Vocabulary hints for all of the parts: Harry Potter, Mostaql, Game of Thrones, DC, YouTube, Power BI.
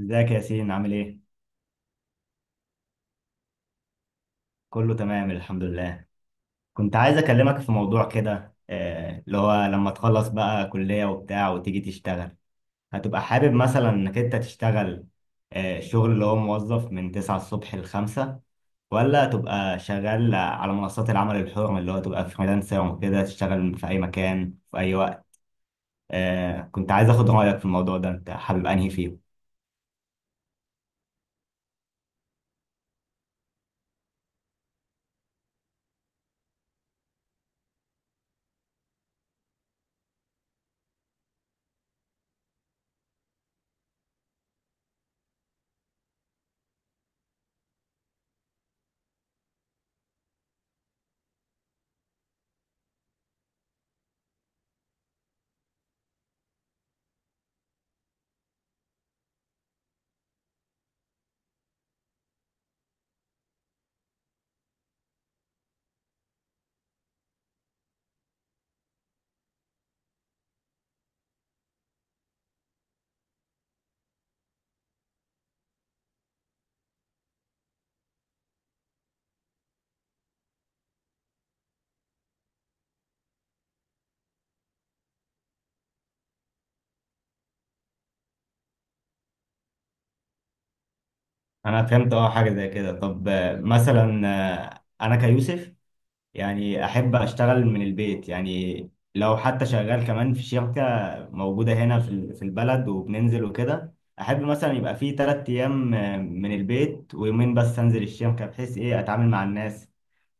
ازيك يا ياسين، عامل ايه؟ كله تمام، الحمد لله. كنت عايز اكلمك في موضوع كده، اللي هو لما تخلص بقى كلية وبتاع وتيجي تشتغل، هتبقى حابب مثلا انك انت تشتغل شغل اللي هو موظف من 9 الصبح ل 5، ولا تبقى شغال على منصات العمل الحر اللي هو تبقى فريلانسر وكده تشتغل في اي مكان في اي وقت؟ كنت عايز اخد رأيك في الموضوع ده، انت حابب انهي فيه؟ انا فهمت حاجة زي كده. طب مثلا انا كيوسف، يعني أحب أشتغل من البيت، يعني لو حتى شغال كمان في شركة موجودة هنا في البلد وبننزل وكده، أحب مثلا يبقى فيه 3 أيام من البيت ويومين بس أنزل الشركة بحيث أتعامل مع الناس،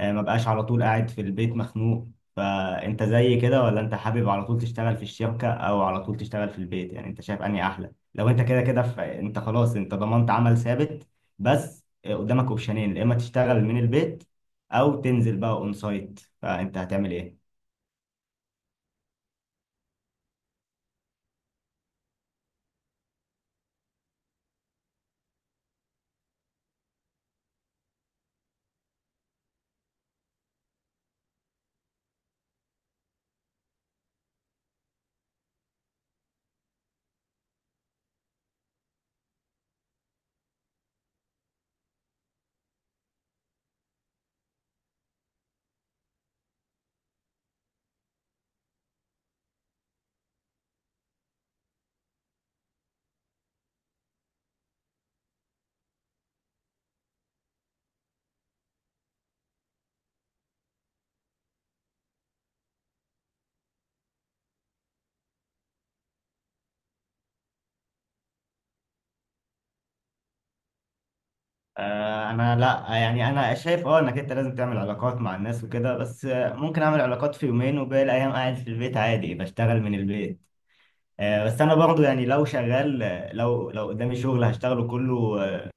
ما بقاش على طول قاعد في البيت مخنوق. فانت زي كده، ولا انت حابب على طول تشتغل في الشركة، او على طول تشتغل في البيت؟ يعني انت شايف انهي احلى؟ لو انت كده كده، انت خلاص، انت ضمنت عمل ثابت، بس قدامك اوبشنين: يا اما تشتغل من البيت، او تنزل بقى اون سايت. فانت هتعمل ايه؟ انا لا، يعني انا شايف انك انت لازم تعمل علاقات مع الناس وكده، بس ممكن اعمل علاقات في يومين، وباقي الايام قاعد في البيت عادي بشتغل من البيت. بس انا برضو يعني لو شغال، لو قدامي شغل هشتغله كله،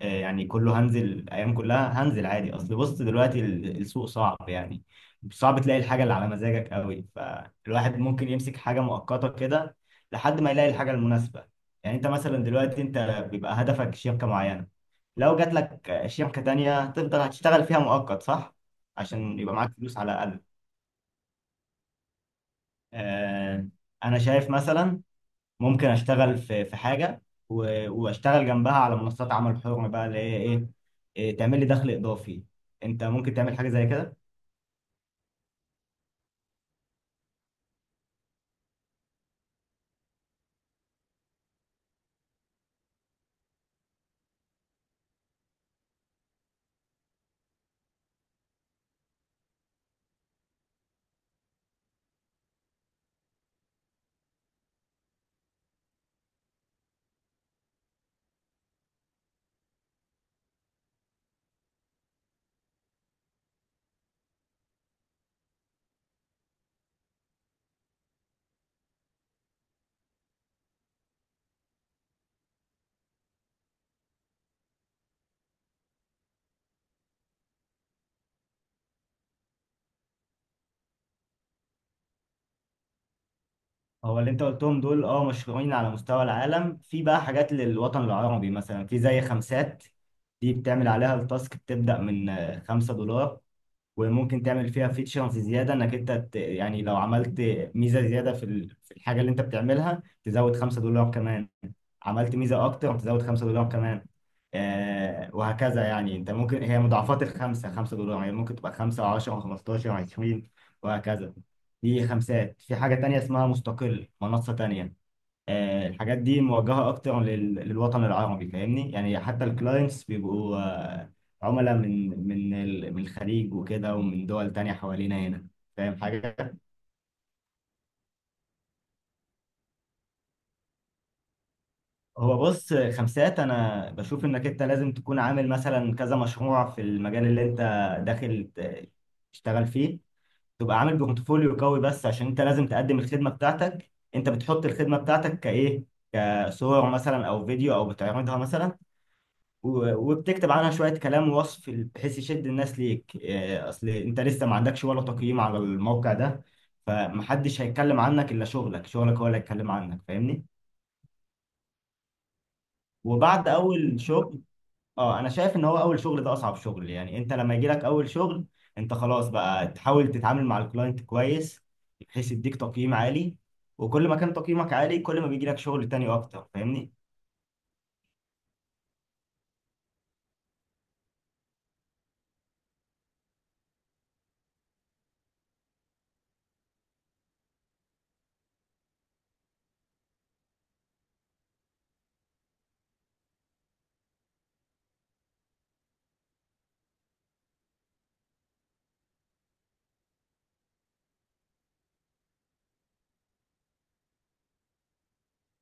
يعني كله هنزل، الايام كلها هنزل عادي. اصل بص دلوقتي السوق صعب يعني، صعب تلاقي الحاجه اللي على مزاجك قوي، فالواحد ممكن يمسك حاجه مؤقته كده لحد ما يلاقي الحاجه المناسبه. يعني انت مثلا دلوقتي انت بيبقى هدفك شركه معينه، لو جات لك شركه تانية تفضل هتشتغل فيها مؤقت، صح؟ عشان يبقى معاك فلوس على الاقل. آه، انا شايف مثلا ممكن اشتغل في حاجه، واشتغل جنبها على منصات عمل حر بقى، اللي هي ايه، تعمل لي دخل اضافي. انت ممكن تعمل حاجه زي كده؟ هو اللي انت قلتهم دول مشهورين على مستوى العالم، في بقى حاجات للوطن العربي مثلا، في زي خمسات، دي بتعمل عليها التاسك بتبدا من 5 دولار، وممكن تعمل فيها فيتشرز زياده انك انت يعني لو عملت ميزه زياده في الحاجه اللي انت بتعملها، تزود 5 دولار كمان. عملت ميزه اكتر، هتزود 5 دولار كمان، وهكذا. يعني انت ممكن، هي مضاعفات الخمسه، 5 دولار، يعني ممكن تبقى 5 و10 و15 و20 وهكذا. دي خمسات. في حاجه تانية اسمها مستقل، منصه تانية. الحاجات دي موجهه اكتر للوطن العربي، فاهمني؟ يعني حتى الكلاينتس بيبقوا عملاء من الخليج وكده، ومن دول تانية حوالينا هنا. فاهم حاجه؟ هو بص، خمسات انا بشوف انك انت لازم تكون عامل مثلا كذا مشروع في المجال اللي انت داخل تشتغل فيه، تبقى عامل بورتفوليو قوي، بس عشان انت لازم تقدم الخدمة بتاعتك. انت بتحط الخدمة بتاعتك كايه، كصور مثلا او فيديو، او بتعرضها مثلا وبتكتب عنها شوية كلام ووصف بحيث يشد الناس ليك. اصل انت لسه ما عندكش ولا تقييم على الموقع ده، فمحدش هيتكلم عنك الا شغلك. شغلك هو اللي هيتكلم عنك، فاهمني؟ وبعد اول شغل، اه انا شايف ان هو اول شغل ده اصعب شغل. يعني انت لما يجي لك اول شغل، انت خلاص بقى تحاول تتعامل مع الكلاينت كويس بحيث يديك تقييم عالي، وكل ما كان تقييمك عالي كل ما بيجي لك شغل تاني اكتر، فاهمني؟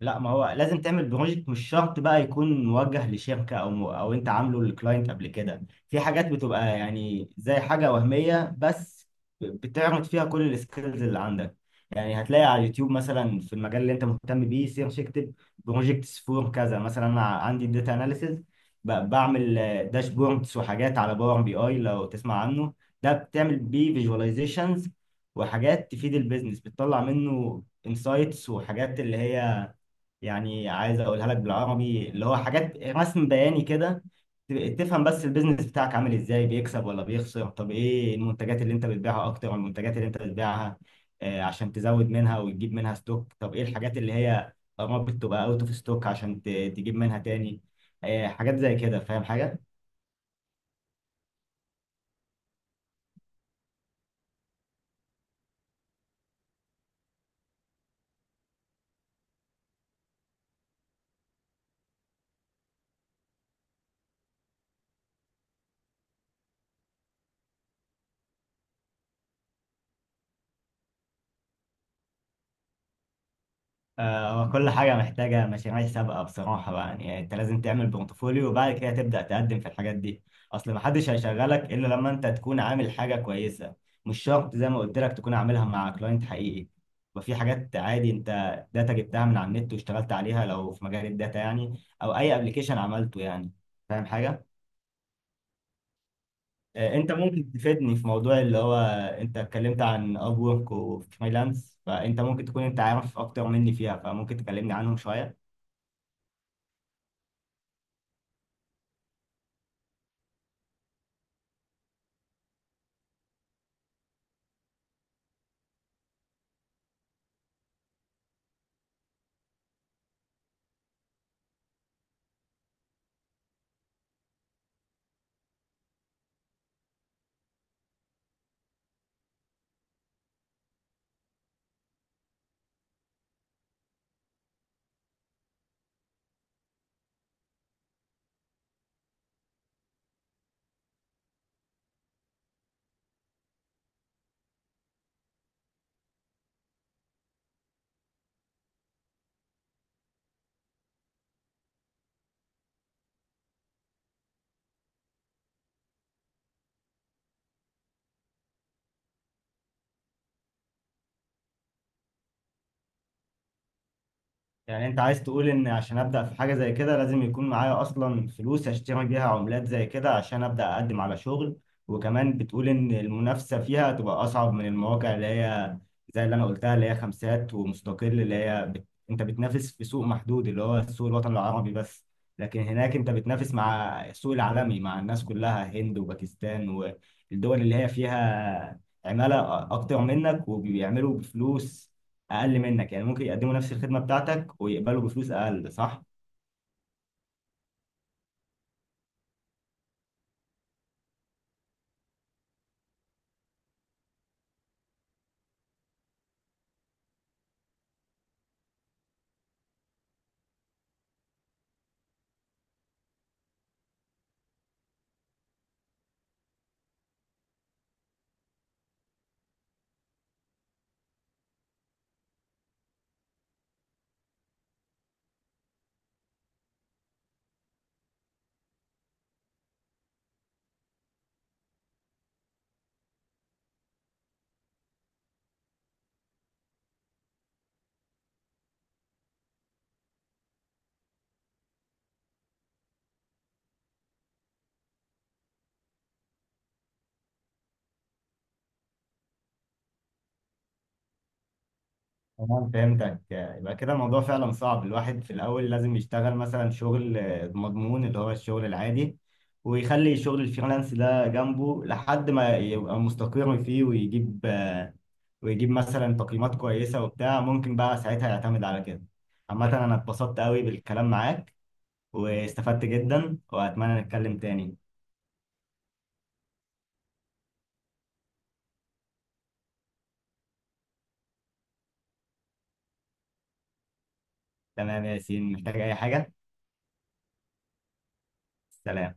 لا، ما هو لازم تعمل بروجكت، مش شرط بقى يكون موجه لشركة، او او انت عامله للكلاينت قبل كده. في حاجات بتبقى يعني زي حاجة وهمية بس، بتعرض فيها كل السكيلز اللي عندك. يعني هتلاقي على اليوتيوب مثلا في المجال اللي انت مهتم بيه، سيرش اكتب بروجكتس فور كذا. مثلا انا عندي داتا اناليسز، بعمل داشبوردز وحاجات على باور بي اي، لو تسمع عنه، ده بتعمل بيه فيجواليزيشنز وحاجات تفيد البيزنس، بتطلع منه انسايتس وحاجات اللي هي، يعني عايز اقولها لك بالعربي، اللي هو حاجات رسم بياني كده ت- تفهم بس البيزنس بتاعك عامل ازاي، بيكسب ولا بيخسر. طب ايه المنتجات اللي انت بتبيعها اكتر، والمنتجات اللي انت بتبيعها عشان تزود منها وتجيب منها ستوك. طب ايه الحاجات اللي هي قربت تبقى اوت اوف ستوك عشان تجيب منها تاني، حاجات زي كده، فاهم حاجة؟ هو كل حاجة محتاجة مشاريع سابقة بصراحة بقى، يعني أنت لازم تعمل بورتفوليو وبعد كده تبدأ تقدم في الحاجات دي. أصل محدش هيشغلك إلا لما أنت تكون عامل حاجة كويسة، مش شرط زي ما قلت لك تكون عاملها مع كلاينت حقيقي. وفي حاجات عادي أنت داتا جبتها من على النت واشتغلت عليها لو في مجال الداتا يعني، أو أي أبلكيشن عملته يعني. فاهم حاجة؟ أنت ممكن تفيدني في موضوع اللي هو، أنت اتكلمت عن أب وورك وفريلانس، فأنت ممكن تكون أنت عارف أكتر مني فيها، فممكن تكلمني عنهم شوية. يعني انت عايز تقول ان عشان ابدا في حاجه زي كده لازم يكون معايا اصلا فلوس اشتري بيها عملات زي كده عشان ابدا اقدم على شغل، وكمان بتقول ان المنافسه فيها تبقى اصعب من المواقع اللي هي زي اللي انا قلتها، اللي هي خمسات ومستقل، اللي هي انت بتنافس في سوق محدود اللي هو السوق الوطني العربي بس. لكن هناك انت بتنافس مع السوق العالمي، مع الناس كلها، هند وباكستان والدول اللي هي فيها عمالة أكتر منك وبيعملوا بفلوس اقل منك، يعني ممكن يقدموا نفس الخدمه بتاعتك ويقبلوا بفلوس اقل، صح؟ تمام، فهمتك. يبقى كده الموضوع فعلا صعب، الواحد في الأول لازم يشتغل مثلا شغل مضمون اللي هو الشغل العادي، ويخلي شغل الفريلانس ده جنبه لحد ما يبقى مستقر فيه، ويجيب مثلا تقييمات كويسة وبتاع، ممكن بقى ساعتها يعتمد على كده. عامة أنا اتبسطت قوي بالكلام معاك، واستفدت جدا، وأتمنى نتكلم تاني. تمام يا ياسين، محتاج أي حاجة؟ سلام.